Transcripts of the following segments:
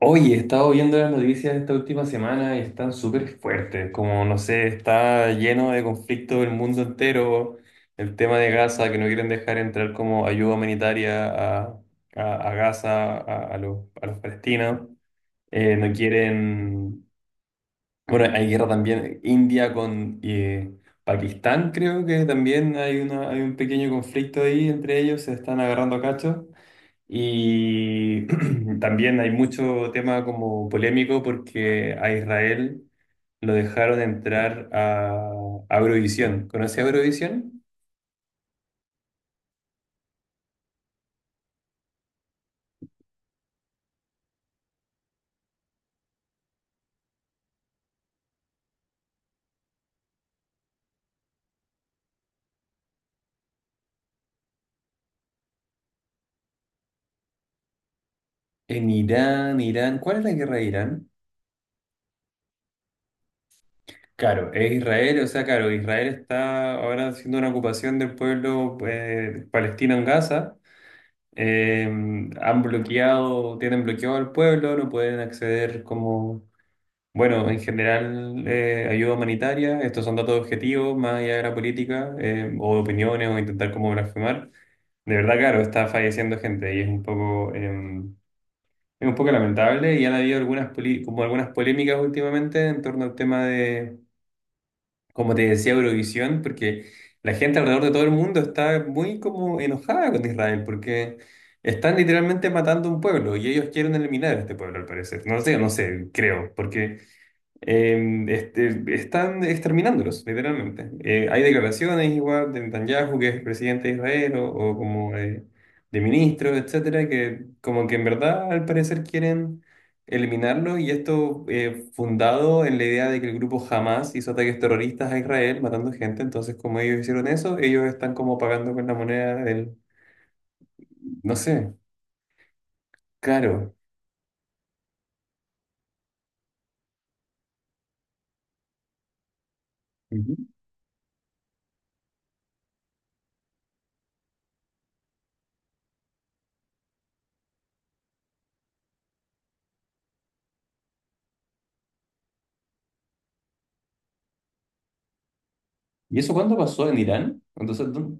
Oye, he estado viendo las noticias esta última semana y están súper fuertes, como no sé, está lleno de conflicto el mundo entero, el tema de Gaza, que no quieren dejar entrar como ayuda humanitaria a, a Gaza, a los palestinos. No quieren, bueno, hay guerra también, India con Pakistán, creo que también hay un pequeño conflicto ahí entre ellos, se están agarrando a cachos. Y también hay mucho tema como polémico porque a Israel lo dejaron entrar a Eurovisión. ¿Conoce Eurovisión? En Irán, Irán. ¿Cuál es la guerra de Irán? Claro, es Israel, o sea, claro, Israel está ahora haciendo una ocupación del pueblo palestino en Gaza. Eh, Han bloqueado, tienen bloqueado al pueblo, no pueden acceder como bueno, en general, ayuda humanitaria, estos son datos objetivos, más allá de la política, o de opiniones, o intentar como blasfemar. De verdad, claro, está falleciendo gente y es un poco, es un poco lamentable y han habido algunas, como algunas polémicas últimamente en torno al tema de, como te decía, Eurovisión, porque la gente alrededor de todo el mundo está muy como enojada con Israel, porque están literalmente matando un pueblo y ellos quieren eliminar a este pueblo, al parecer. No sé, creo, porque... están exterminándolos, literalmente. Hay declaraciones igual de Netanyahu, que es presidente de Israel, o como de ministros, etcétera, que como que en verdad al parecer quieren eliminarlos, y esto fundado en la idea de que el grupo Hamas hizo ataques terroristas a Israel matando gente, entonces como ellos hicieron eso, ellos están como pagando con la moneda del, no sé, caro. Ujú. ¿Y eso cuándo pasó en Irán? Entonces, ¿dó-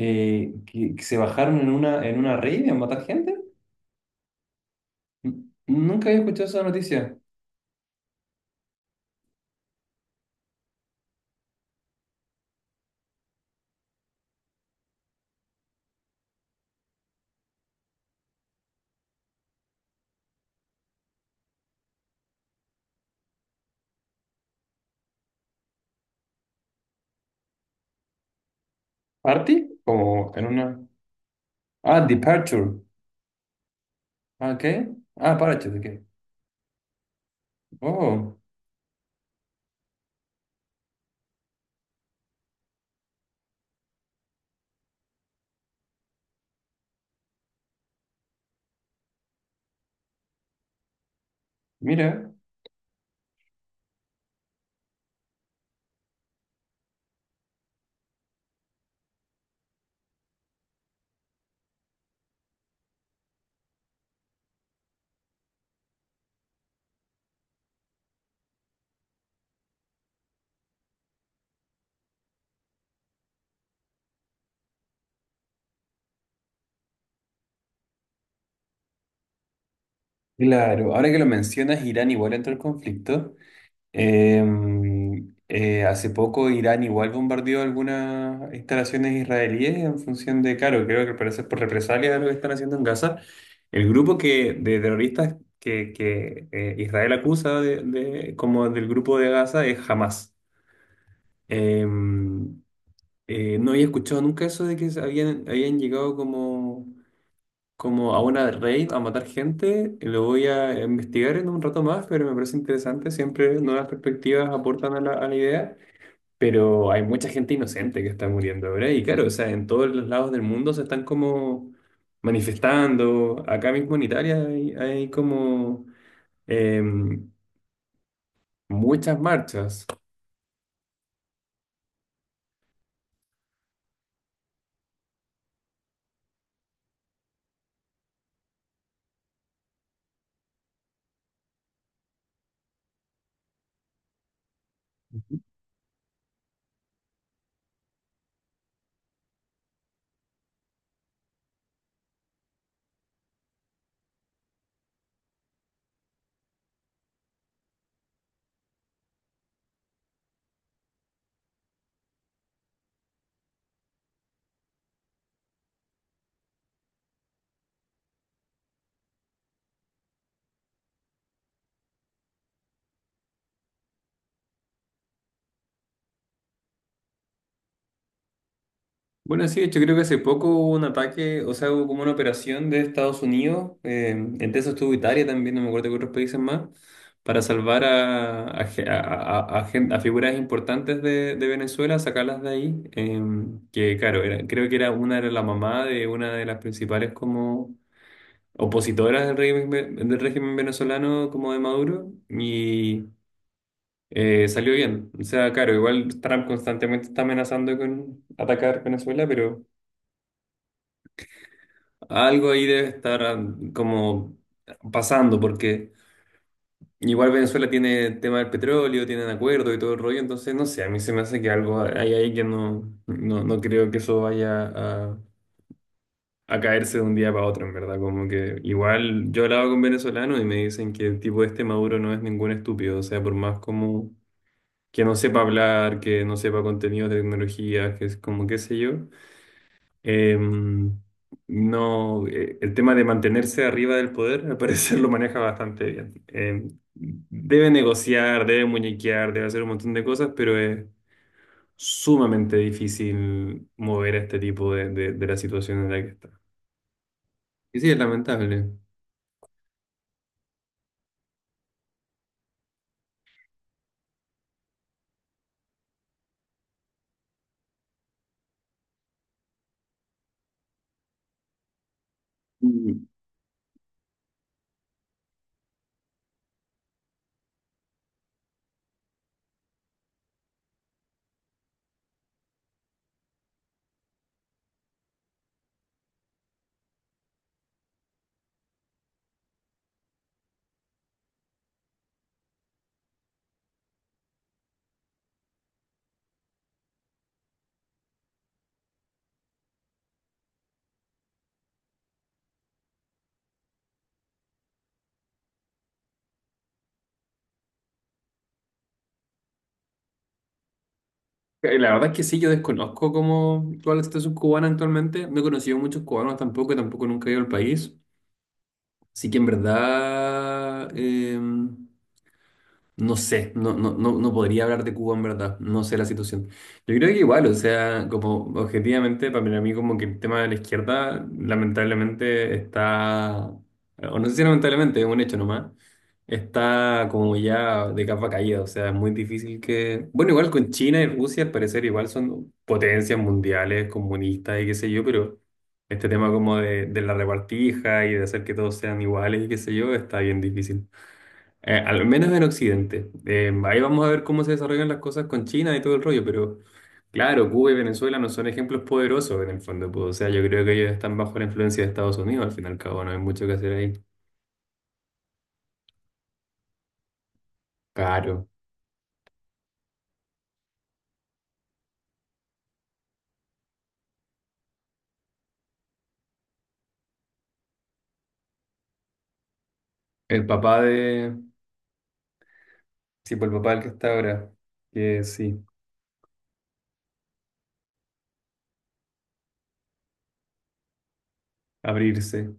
Que se bajaron en en una raid a matar gente. Nunca había escuchado esa noticia. ¿Party? Como en una. Ah, Departure. Ah, ¿qué? Ah, Parachute, ¿qué? Oh, mira. Claro, ahora que lo mencionas, Irán igual entró al conflicto. Hace poco Irán igual bombardeó algunas instalaciones israelíes en función de, claro, creo que parece por represalia de lo que están haciendo en Gaza. El de terroristas que Israel acusa de, como del grupo de Gaza, es Hamas. Em, no había escuchado nunca eso de que habían llegado como a una raid, a matar gente. Y Lo voy a investigar en un rato más, pero me parece interesante. Siempre nuevas perspectivas aportan a la idea. Pero hay mucha gente inocente que está muriendo ahora. Y claro, o sea, en todos los lados del mundo se están como manifestando. Acá mismo en Italia hay como em, muchas marchas. Bueno, sí, de hecho creo que hace poco hubo un ataque, o sea, hubo como una operación de Estados Unidos, entre eso estuvo Italia también, no me acuerdo qué otros países más, para salvar a, ge- a gen- a figuras importantes de Venezuela, sacarlas de ahí, que claro, creo que era la mamá de una de las principales como opositoras del régimen, del régimen venezolano como de Maduro, y salió bien. O sea, claro, igual Trump constantemente está amenazando con atacar Venezuela, pero... Algo ahí debe estar ah, como pasando, porque igual Venezuela tiene el tema del petróleo, tienen acuerdo y todo el rollo, entonces no sé, a mí se me hace que algo hay ahí que no creo que eso vaya a caerse de un día para otro, en verdad, como que igual yo hablaba con venezolanos y me dicen que el tipo este Maduro no es ningún estúpido, o sea, por más como que no sepa hablar, que no sepa contenido de tecnología, que es como qué sé yo. Em, no, el tema de mantenerse arriba del poder, al parecer lo maneja bastante bien. Em, debe negociar, debe muñequear, debe hacer un montón de cosas, pero es sumamente difícil mover a este tipo de la situación en la que está. Y sí, es lamentable. Y la verdad es que sí, yo desconozco cómo cuál es la situación cubana actualmente. No he conocido muchos cubanos tampoco, tampoco nunca he ido al país. Así que en verdad... em, no sé, no podría hablar de Cuba en verdad, no sé la situación. Yo creo que igual, o sea, como objetivamente, para mí como que el tema de la izquierda lamentablemente está, o no sé si lamentablemente, es un hecho nomás, está como ya de capa caída, o sea, es muy difícil que... Bueno, igual con China y Rusia al parecer igual son potencias mundiales, comunistas y qué sé yo, pero este tema como de la repartija y de hacer que todos sean iguales y qué sé yo, está bien difícil. Al menos en Occidente. Ahí vamos a ver cómo se desarrollan las cosas con China y todo el rollo, pero claro, Cuba y Venezuela no son ejemplos poderosos en el fondo, pues, o sea, yo creo que ellos están bajo la influencia de Estados Unidos, al fin y al cabo, no hay mucho que hacer ahí. Claro. El papá de... Sí, pues el papá del que está ahora, que sí, abrirse.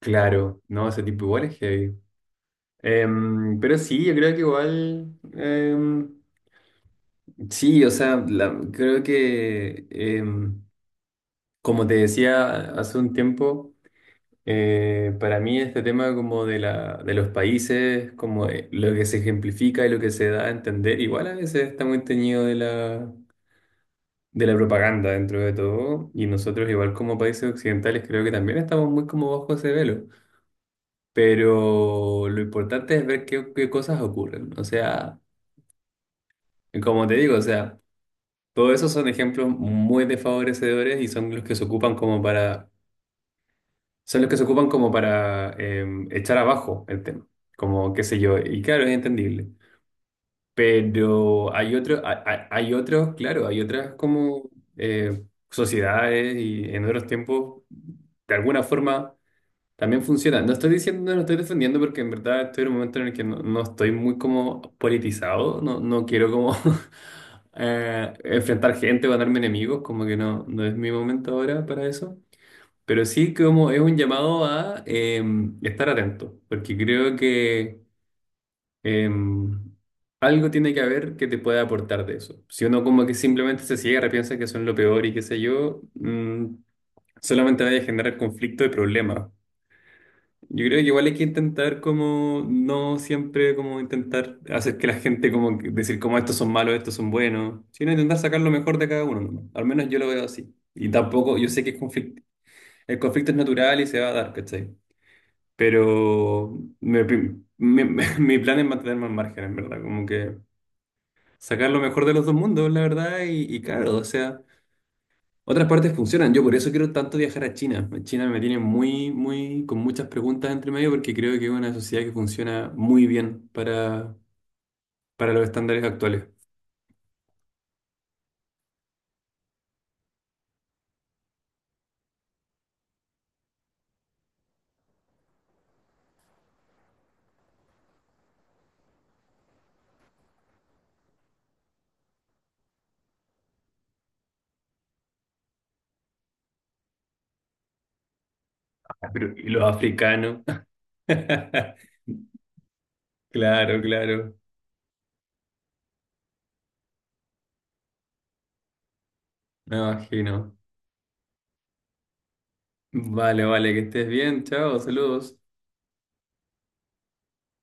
Claro, no, ese tipo igual es heavy. Em, pero sí, yo creo que igual... em, sí, o sea, creo que... em, como te decía hace un tiempo... para mí este tema como de de los países, como de lo que se ejemplifica y lo que se da a entender, igual a veces está muy teñido de de la propaganda dentro de todo, y nosotros igual como países occidentales creo que también estamos muy como bajo ese velo, pero lo importante es ver qué cosas ocurren, o sea, como te digo, o sea, todos esos son ejemplos muy desfavorecedores y son los que se ocupan como para son los que se ocupan como para em, echar abajo el tema, como qué sé yo, y claro, es entendible. Pero hay otros, hay otros, claro, hay otras como eh, sociedades y en otros tiempos, de alguna forma, también funcionan. No estoy diciendo, no estoy defendiendo porque en verdad estoy en un momento en el que no, no estoy muy como politizado, no, no quiero como enfrentar gente o ganarme enemigos, como que no, no es mi momento ahora para eso. Pero sí como es un llamado a estar atento, porque creo que eh, algo tiene que haber que te pueda aportar de eso. Si uno como que simplemente se cierra, piensa que son lo peor y qué sé yo, mm, solamente vaya a generar conflicto y problemas. Yo creo que igual hay que intentar como, no siempre como intentar hacer que la gente como que decir como estos son malos, estos son buenos, sino intentar sacar lo mejor de cada uno, ¿no? Al menos yo lo veo así. Y tampoco, yo sé que es el conflicto es natural y se va a dar, ¿cachai? Pero mi plan es mantenerme al margen, en verdad, como que sacar lo mejor de los dos mundos, la verdad, y claro, o sea, otras partes funcionan. Yo por eso quiero tanto viajar a China. China me tiene muy, con muchas preguntas entre medio porque creo que es una sociedad que funciona muy bien para los estándares actuales. Pero, ¿y los africanos? Claro, claro, me imagino. Vale, vale, que estés bien, chao, saludos.